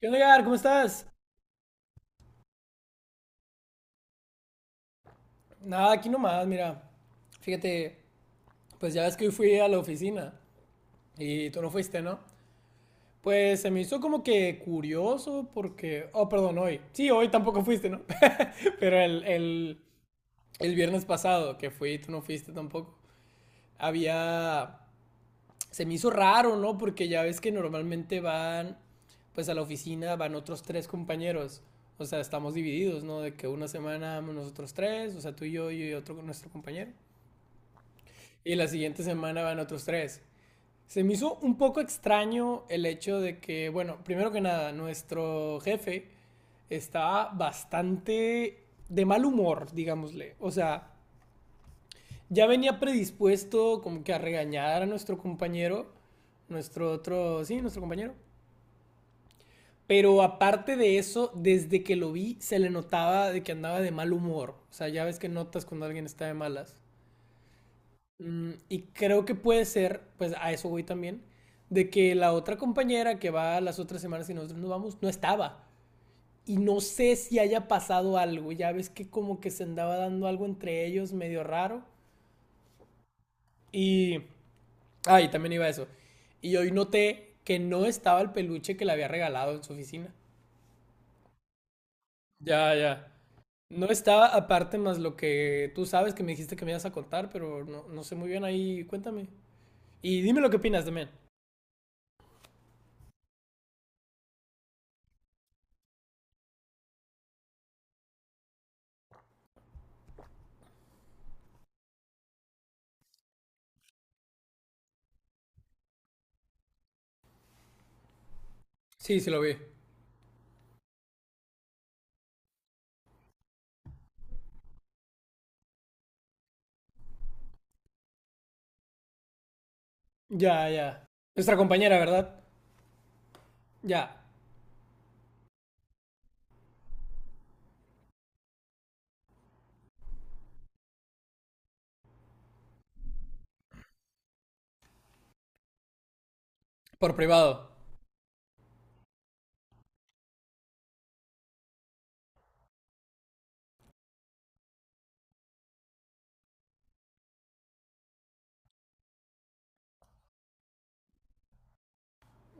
¿Qué onda, Gar? ¿Cómo estás? Nada, aquí nomás, mira. Fíjate, pues ya ves que hoy fui a la oficina y tú no fuiste, ¿no? Pues se me hizo como que curioso porque... Oh, perdón, hoy. Sí, hoy tampoco fuiste, ¿no? Pero el viernes pasado que fui, tú no fuiste tampoco. Había... Se me hizo raro, ¿no? Porque ya ves que normalmente van, pues a la oficina van otros tres compañeros. O sea, estamos divididos, ¿no? De que una semana nosotros tres, o sea, tú y yo y otro nuestro compañero. Y la siguiente semana van otros tres. Se me hizo un poco extraño el hecho de que, bueno, primero que nada, nuestro jefe estaba bastante de mal humor, digámosle. O sea, ya venía predispuesto como que a regañar a nuestro compañero, nuestro otro, sí, nuestro compañero. Pero aparte de eso, desde que lo vi se le notaba de que andaba de mal humor. O sea, ya ves que notas cuando alguien está de malas. Y creo que puede ser, pues a eso voy también, de que la otra compañera que va las otras semanas y nosotros nos vamos, no estaba. Y no sé si haya pasado algo. Ya ves que como que se andaba dando algo entre ellos medio raro. Y... Ah, y también iba eso. Y hoy noté que no estaba el peluche que le había regalado en su oficina. Ya, ya. No estaba aparte más lo que tú sabes que me dijiste que me ibas a contar, pero no, no sé muy bien ahí. Cuéntame. Y dime lo que opinas también. Sí, sí lo vi. Ya, ya. Nuestra compañera, ¿verdad? Ya. Por privado.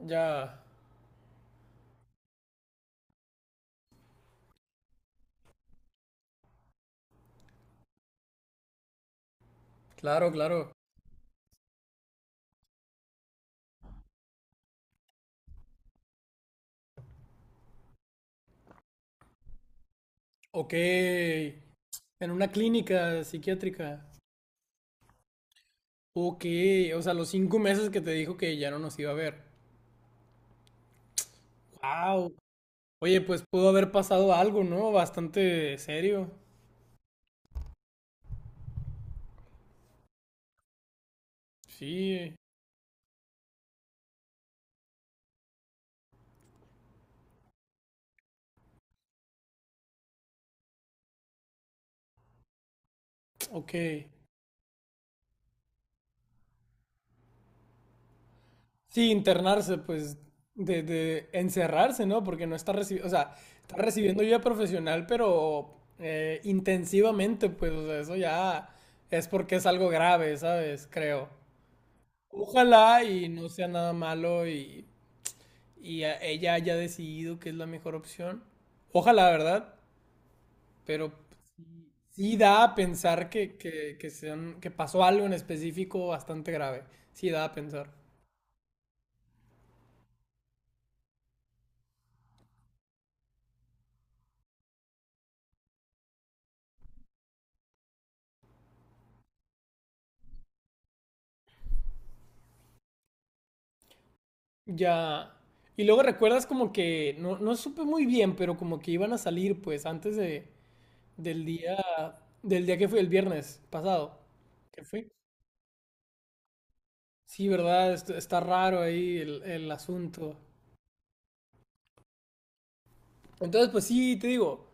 Ya. Claro, claro. Ok. En una clínica psiquiátrica. Ok. O sea, los 5 meses que te dijo que ya no nos iba a ver. Wow. Oye, pues pudo haber pasado algo, ¿no? Bastante serio. Sí. Ok. Sí, internarse, pues, de encerrarse, ¿no? Porque no está recibiendo, o sea, está recibiendo ayuda profesional, pero intensivamente, pues, o sea, eso ya es porque es algo grave, ¿sabes? Creo. Ojalá y no sea nada malo y, ella haya decidido que es la mejor opción. Ojalá, ¿verdad? Pero sí da a pensar que, sean, que pasó algo en específico bastante grave. Sí da a pensar. Ya. Y luego recuerdas como que, no, no supe muy bien, pero como que iban a salir pues antes de, del día, del día que fue el viernes pasado. ¿Qué fue? Sí, ¿verdad? Está raro ahí el asunto. Entonces, pues sí, te digo,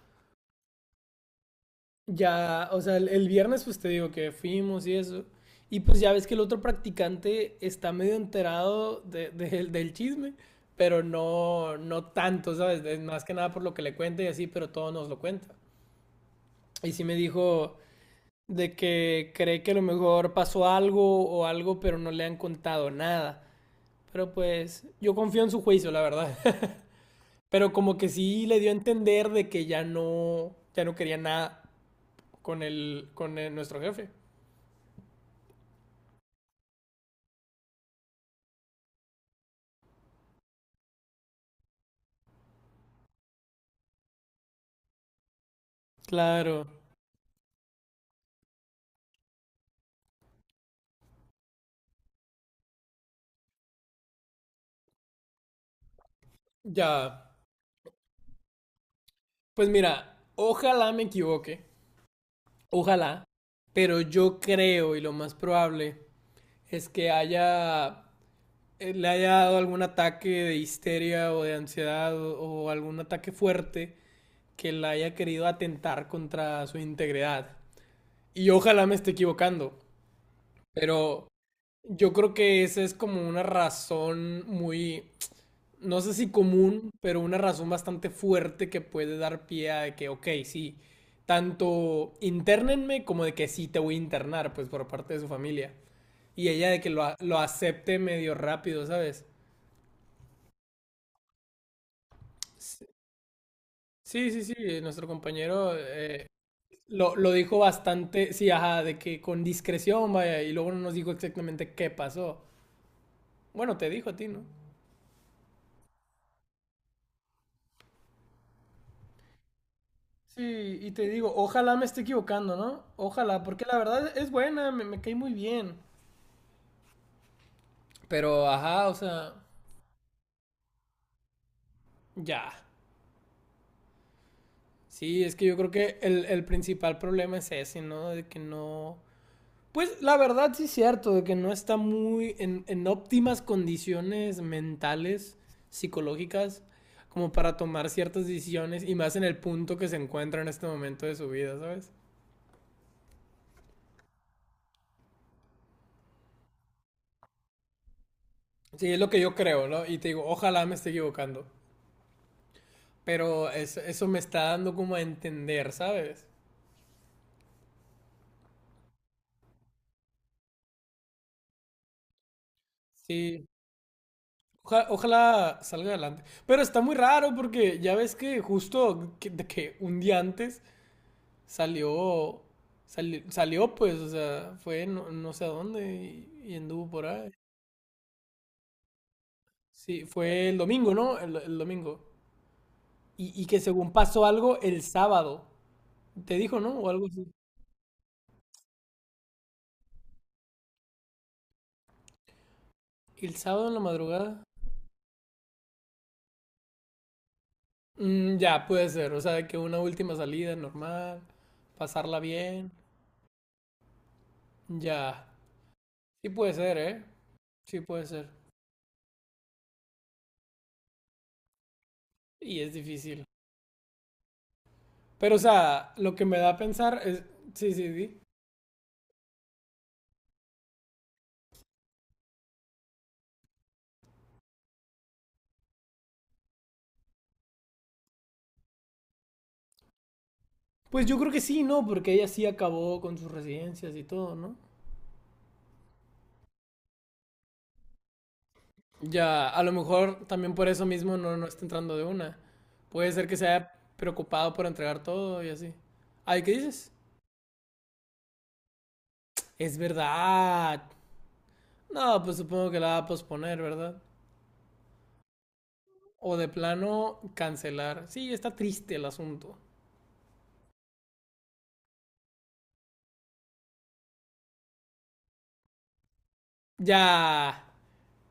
ya, o sea, el viernes pues te digo que fuimos y eso. Y pues ya ves que el otro practicante está medio enterado del chisme, pero no, no tanto, ¿sabes? Es más que nada por lo que le cuenta y así, pero todo nos lo cuenta. Y sí me dijo de que cree que a lo mejor pasó algo o algo, pero no le han contado nada. Pero pues yo confío en su juicio, la verdad. Pero como que sí le dio a entender de que ya no, ya no quería nada con nuestro jefe. Claro. Ya. Pues mira, ojalá me equivoque. Ojalá. Pero yo creo y lo más probable es que haya le haya dado algún ataque de histeria o de ansiedad o algún ataque fuerte que la haya querido atentar contra su integridad. Y ojalá me esté equivocando, pero yo creo que esa es como una razón muy, no sé si común, pero una razón bastante fuerte que puede dar pie a que, ok, sí, tanto internenme como de que sí te voy a internar, pues por parte de su familia. Y ella de que lo acepte medio rápido, ¿sabes? Sí, sí, sí, nuestro compañero lo dijo bastante, sí, ajá, de que con discreción, vaya, y luego no nos dijo exactamente qué pasó. Bueno, te dijo a ti, ¿no? Sí, y te digo, ojalá me esté equivocando, ¿no? Ojalá, porque la verdad es buena, me cae muy bien. Pero, ajá, o sea, ya. Sí, es que yo creo que el principal problema es ese, ¿no? De que no, pues la verdad sí es cierto, de que no está muy en óptimas condiciones mentales, psicológicas, como para tomar ciertas decisiones y más en el punto que se encuentra en este momento de su vida, ¿sabes? Sí, es lo que yo creo, ¿no? Y te digo, ojalá me esté equivocando, pero eso me está dando como a entender, ¿sabes? Sí, ojalá salga adelante. Pero está muy raro porque ya ves que justo de que un día antes salió, salió pues, o sea, fue no, no sé a dónde y anduvo por ahí. Sí, fue el domingo, ¿no? El domingo. Y que según pasó algo el sábado. ¿Te dijo, no? O algo así. El sábado en la madrugada. Mm, ya, puede ser. O sea, que una última salida normal, pasarla bien. Ya. Sí puede ser, ¿eh? Sí puede ser. Y es difícil. Pero, o sea, lo que me da a pensar es... Sí, sí, sí. Pues yo creo que sí, ¿no? Porque ella sí acabó con sus residencias y todo, ¿no? Ya, a lo mejor también por eso mismo no, no está entrando de una. Puede ser que se haya preocupado por entregar todo y así. Ay, ¿qué dices? Es verdad. No, pues supongo que la va a posponer, ¿verdad? O de plano cancelar. Sí, está triste el asunto. Ya.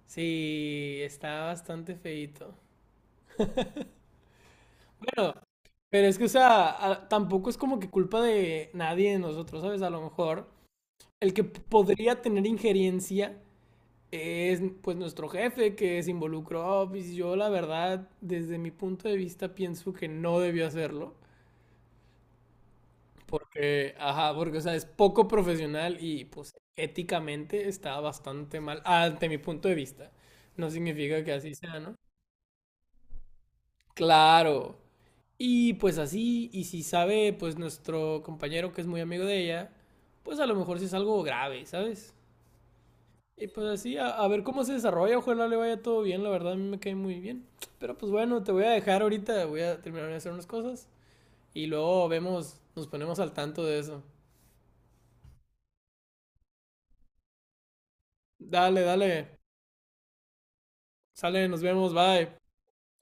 Sí, está bastante feito. Bueno, pero es que, o sea, a- tampoco es como que culpa de nadie de nosotros, ¿sabes? A lo mejor el que podría tener injerencia es pues nuestro jefe que se involucró. Pues, yo la verdad, desde mi punto de vista, pienso que no debió hacerlo. Porque, ajá, porque, o sea, es poco profesional y pues éticamente está bastante mal, ante mi punto de vista. No significa que así sea, ¿no? Claro. Y pues así, y si sabe, pues nuestro compañero que es muy amigo de ella, pues a lo mejor sí es algo grave, ¿sabes? Y pues así, a ver cómo se desarrolla, ojalá le vaya todo bien, la verdad a mí me cae muy bien. Pero pues bueno, te voy a dejar ahorita, voy a terminar de hacer unas cosas y luego vemos, nos ponemos al tanto de eso. Dale, dale, sale, nos vemos, bye.